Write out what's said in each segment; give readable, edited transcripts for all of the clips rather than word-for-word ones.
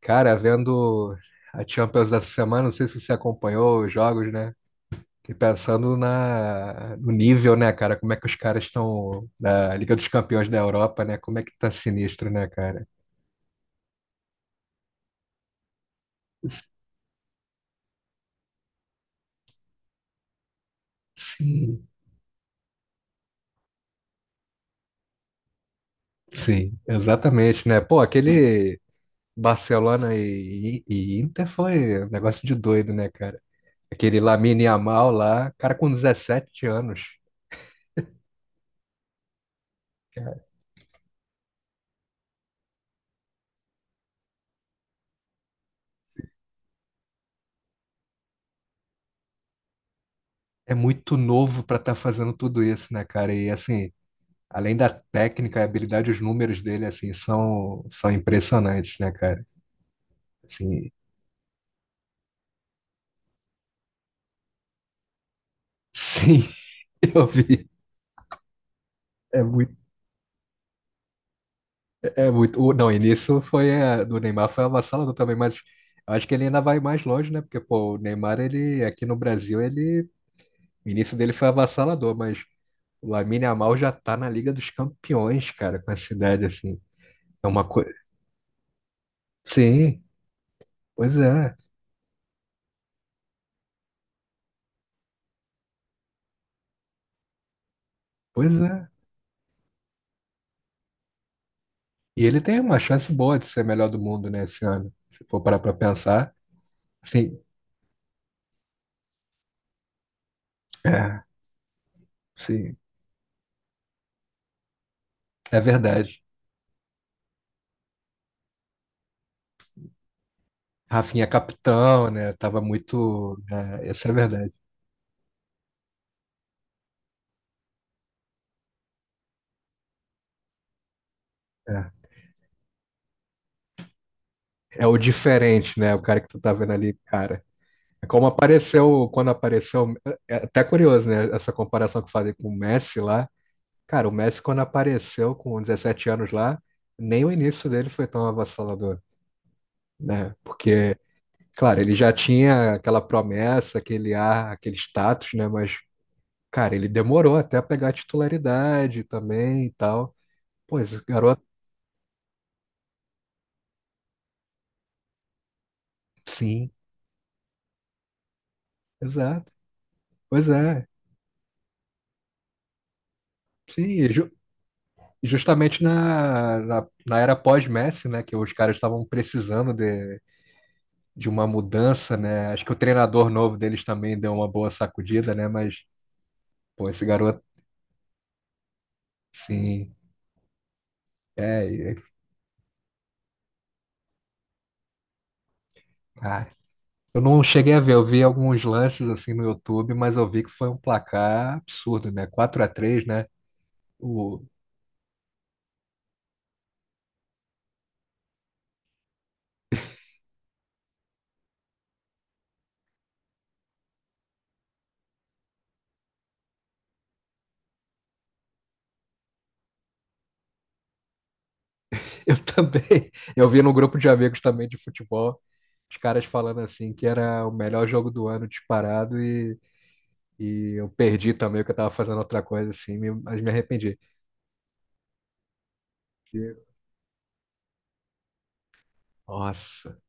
Cara, vendo a Champions dessa semana, não sei se você acompanhou os jogos, né? E pensando no nível, né, cara? Como é que os caras estão na Liga dos Campeões da Europa, né? Como é que tá sinistro, né, cara? Sim. Sim, exatamente, né? Pô, aquele Barcelona e Inter foi um negócio de doido, né, cara? Aquele Lamine Yamal lá, cara, com 17 anos. É muito novo pra estar fazendo tudo isso, né, cara? E assim, além da técnica, a habilidade, os números dele, assim, são, são impressionantes, né, cara? Assim, sim, eu vi. É muito, é muito. Não, e nisso foi do Neymar foi avassalador também, mas eu acho que ele ainda vai mais longe, né? Porque, pô, o Neymar, ele, aqui no Brasil, ele, o início dele foi avassalador, mas o Lamine Yamal já tá na Liga dos Campeões, cara, com essa idade, assim. É uma coisa. Sim, pois é, pois é. E ele tem uma chance boa de ser melhor do mundo, né, esse ano. Se for parar pra pensar. Sim, é, sim, é verdade. Rafinha é capitão, né? Tava muito. É, essa é a verdade. É. É o diferente, né? O cara que tu tá vendo ali, cara. É. Como apareceu, quando apareceu, é até curioso, né? Essa comparação que eu falei com o Messi lá. Cara, o Messi, quando apareceu com 17 anos lá, nem o início dele foi tão avassalador, né? Porque, claro, ele já tinha aquela promessa, aquele ar, aquele status, né? Mas cara, ele demorou até a pegar a titularidade também e tal. Pô, esse garoto. Sim, exato. Pois é. Sim, e justamente na era pós-Messi, né? Que os caras estavam precisando de uma mudança, né? Acho que o treinador novo deles também deu uma boa sacudida, né? Mas, pô, esse garoto, sim. É, é, cara. Eu não cheguei a ver, eu vi alguns lances assim no YouTube, mas eu vi que foi um placar absurdo, né? 4 a 3, né? O, eu também. Eu vi num grupo de amigos também de futebol, os caras falando assim que era o melhor jogo do ano disparado e eu perdi também, que eu tava fazendo outra coisa assim, mas me arrependi. E, nossa.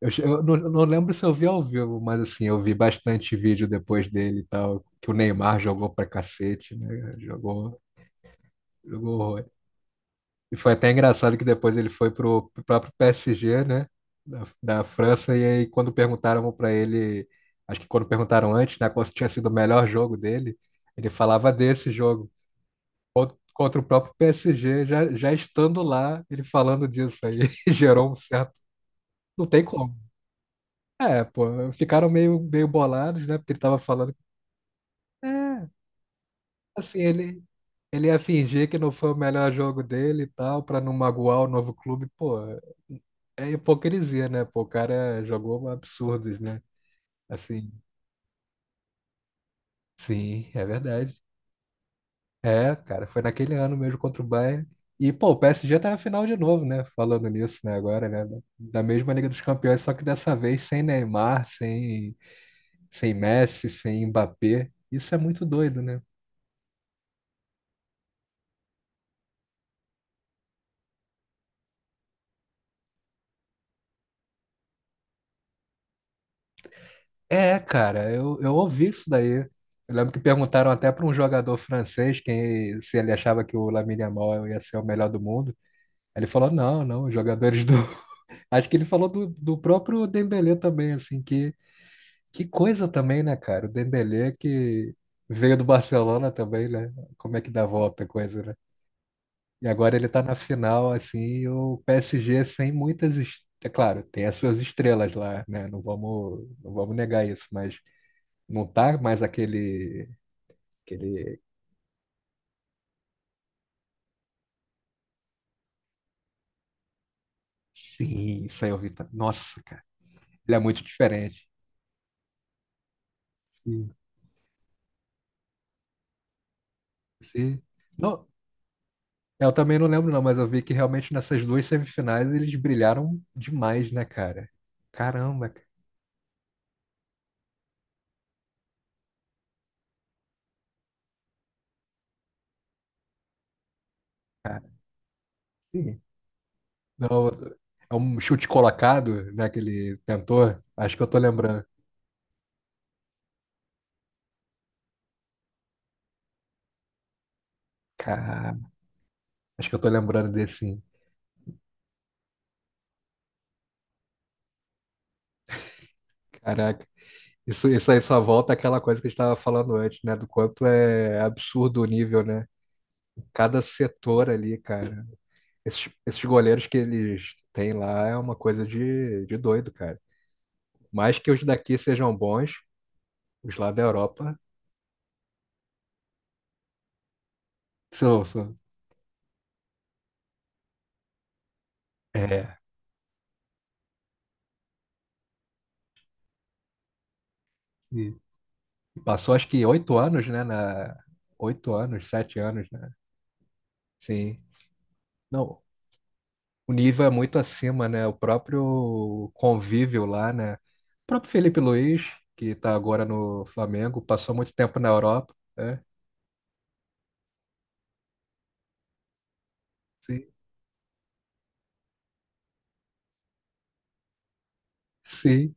Eu, eu não lembro se eu vi ao vivo, mas assim, eu vi bastante vídeo depois dele e tal, que o Neymar jogou pra cacete, né? Jogou, jogou horrores. E foi até engraçado que depois ele foi pro próprio PSG, né? Da França, e aí quando perguntaram para ele, acho que quando perguntaram antes, né, qual tinha sido o melhor jogo dele, ele falava desse jogo. Contra o próprio PSG, já, já estando lá, ele falando disso aí, gerou um certo. Não tem como. É, pô, ficaram meio, meio bolados, né? Porque ele tava falando. É, assim, ele ia fingir que não foi o melhor jogo dele e tal, pra não magoar o novo clube. Pô, é hipocrisia, né? Pô, o cara jogou absurdos, né? Assim, sim, é verdade. É, cara, foi naquele ano mesmo contra o Bayern. E, pô, o PSG tá na final de novo, né? Falando nisso, né? Agora, né? Da mesma Liga dos Campeões, só que dessa vez sem Neymar, sem, sem Messi, sem Mbappé. Isso é muito doido, né? É, cara, eu ouvi isso daí. Eu lembro que perguntaram até para um jogador francês quem, se ele achava que o Lamine Yamal ia ser o melhor do mundo. Ele falou: não, não, os jogadores do, acho que ele falou do próprio Dembélé também, assim, que coisa também, né, cara? O Dembélé que veio do Barcelona também, né? Como é que dá a volta a coisa, né? E agora ele tá na final, assim, e o PSG sem muitas... É claro, tem as suas estrelas lá, né? Não vamos, não vamos negar isso, mas não tá mais aquele... aquele... Sim, isso aí eu vi. Nossa, cara, ele é muito diferente. Sim, sim. Não, é, eu também não lembro, não, mas eu vi que realmente nessas duas semifinais eles brilharam demais, né, cara? Caramba, cara. Sim. Não, é um chute colocado, né, que ele tentou. Acho que eu tô lembrando. Cara, acho que eu tô lembrando desse, sim. Caraca. Isso aí só volta àquela coisa que a gente tava falando antes, né? Do quanto é absurdo o nível, né? Cada setor ali, cara. Esses, esses goleiros que eles têm lá é uma coisa de doido, cara. Mais que os daqui sejam bons, os lá da Europa são, são é, e passou acho que 8 anos, né, na 8 anos, 7 anos, né? Sim. Não, o nível é muito acima, né? O próprio convívio lá, né? O próprio Felipe Luiz, que está agora no Flamengo, passou muito tempo na Europa, né? Sim. Sim,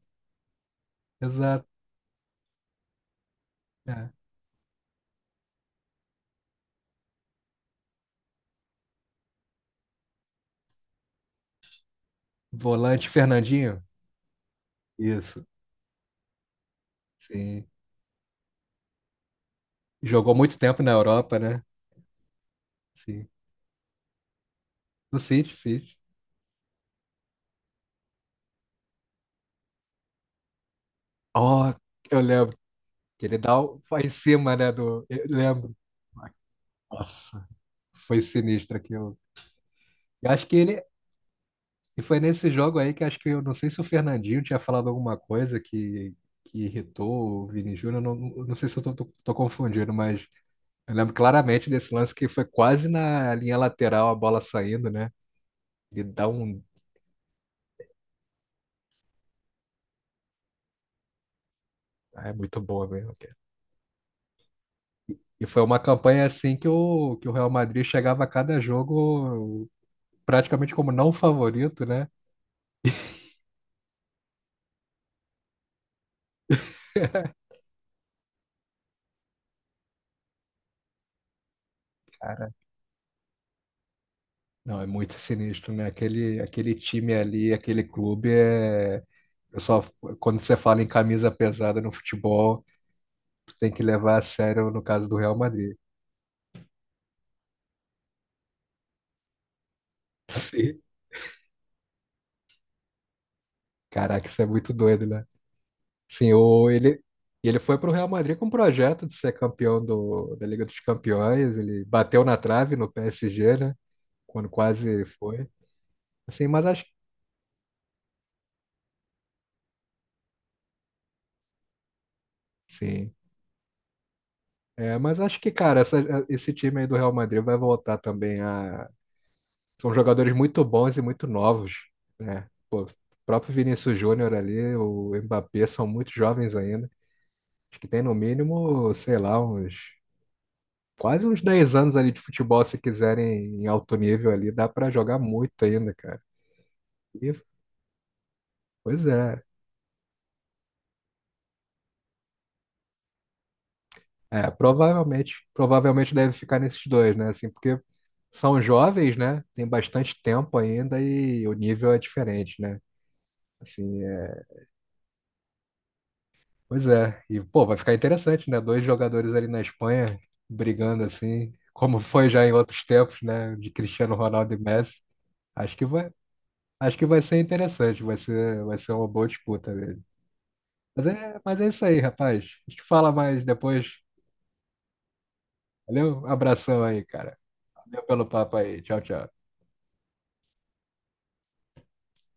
exato. É. Volante Fernandinho, isso. Sim. Jogou muito tempo na Europa, né? Sim. No City, City. Oh, eu lembro que ele dá o, foi em cima, né, do... Eu lembro. Nossa, foi sinistro aquilo. Eu acho que ele... E foi nesse jogo aí que acho que eu não sei se o Fernandinho tinha falado alguma coisa que irritou o Vini Júnior. Não, não sei se eu tô confundindo, mas eu lembro claramente desse lance que foi quase na linha lateral a bola saindo, né? Ele dá um. Ah, é muito boa mesmo, cara. E foi uma campanha assim que o Real Madrid chegava a cada jogo praticamente como não favorito, né? Não, é muito sinistro, né? Aquele, aquele time ali, aquele clube é. Eu só, quando você fala em camisa pesada no futebol, tu tem que levar a sério no caso do Real Madrid. Sim. Caraca, isso é muito doido, né? Sim, ou ele, e ele foi para o Real Madrid com um projeto de ser campeão do, da Liga dos Campeões. Ele bateu na trave no PSG, né? Quando quase foi. Assim, mas acho, sim. É, mas acho que, cara, esse time aí do Real Madrid vai voltar também a são jogadores muito bons e muito novos, né? O próprio Vinícius Júnior ali, o Mbappé, são muito jovens ainda. Acho que tem no mínimo, sei lá, uns quase uns 10 anos ali de futebol, se quiserem em alto nível ali, dá pra jogar muito ainda, cara. E, pois é. É, provavelmente, provavelmente deve ficar nesses dois, né? Assim, porque são jovens, né? Tem bastante tempo ainda e o nível é diferente, né? Assim, pois é, e pô, vai ficar interessante, né? Dois jogadores ali na Espanha brigando assim, como foi já em outros tempos, né? De Cristiano Ronaldo e Messi. Acho que vai, acho que vai ser interessante, vai ser uma boa disputa mesmo. Mas é isso aí, rapaz. A gente fala mais depois. Valeu, um abração aí, cara. Valeu pelo papo aí. Tchau, tchau.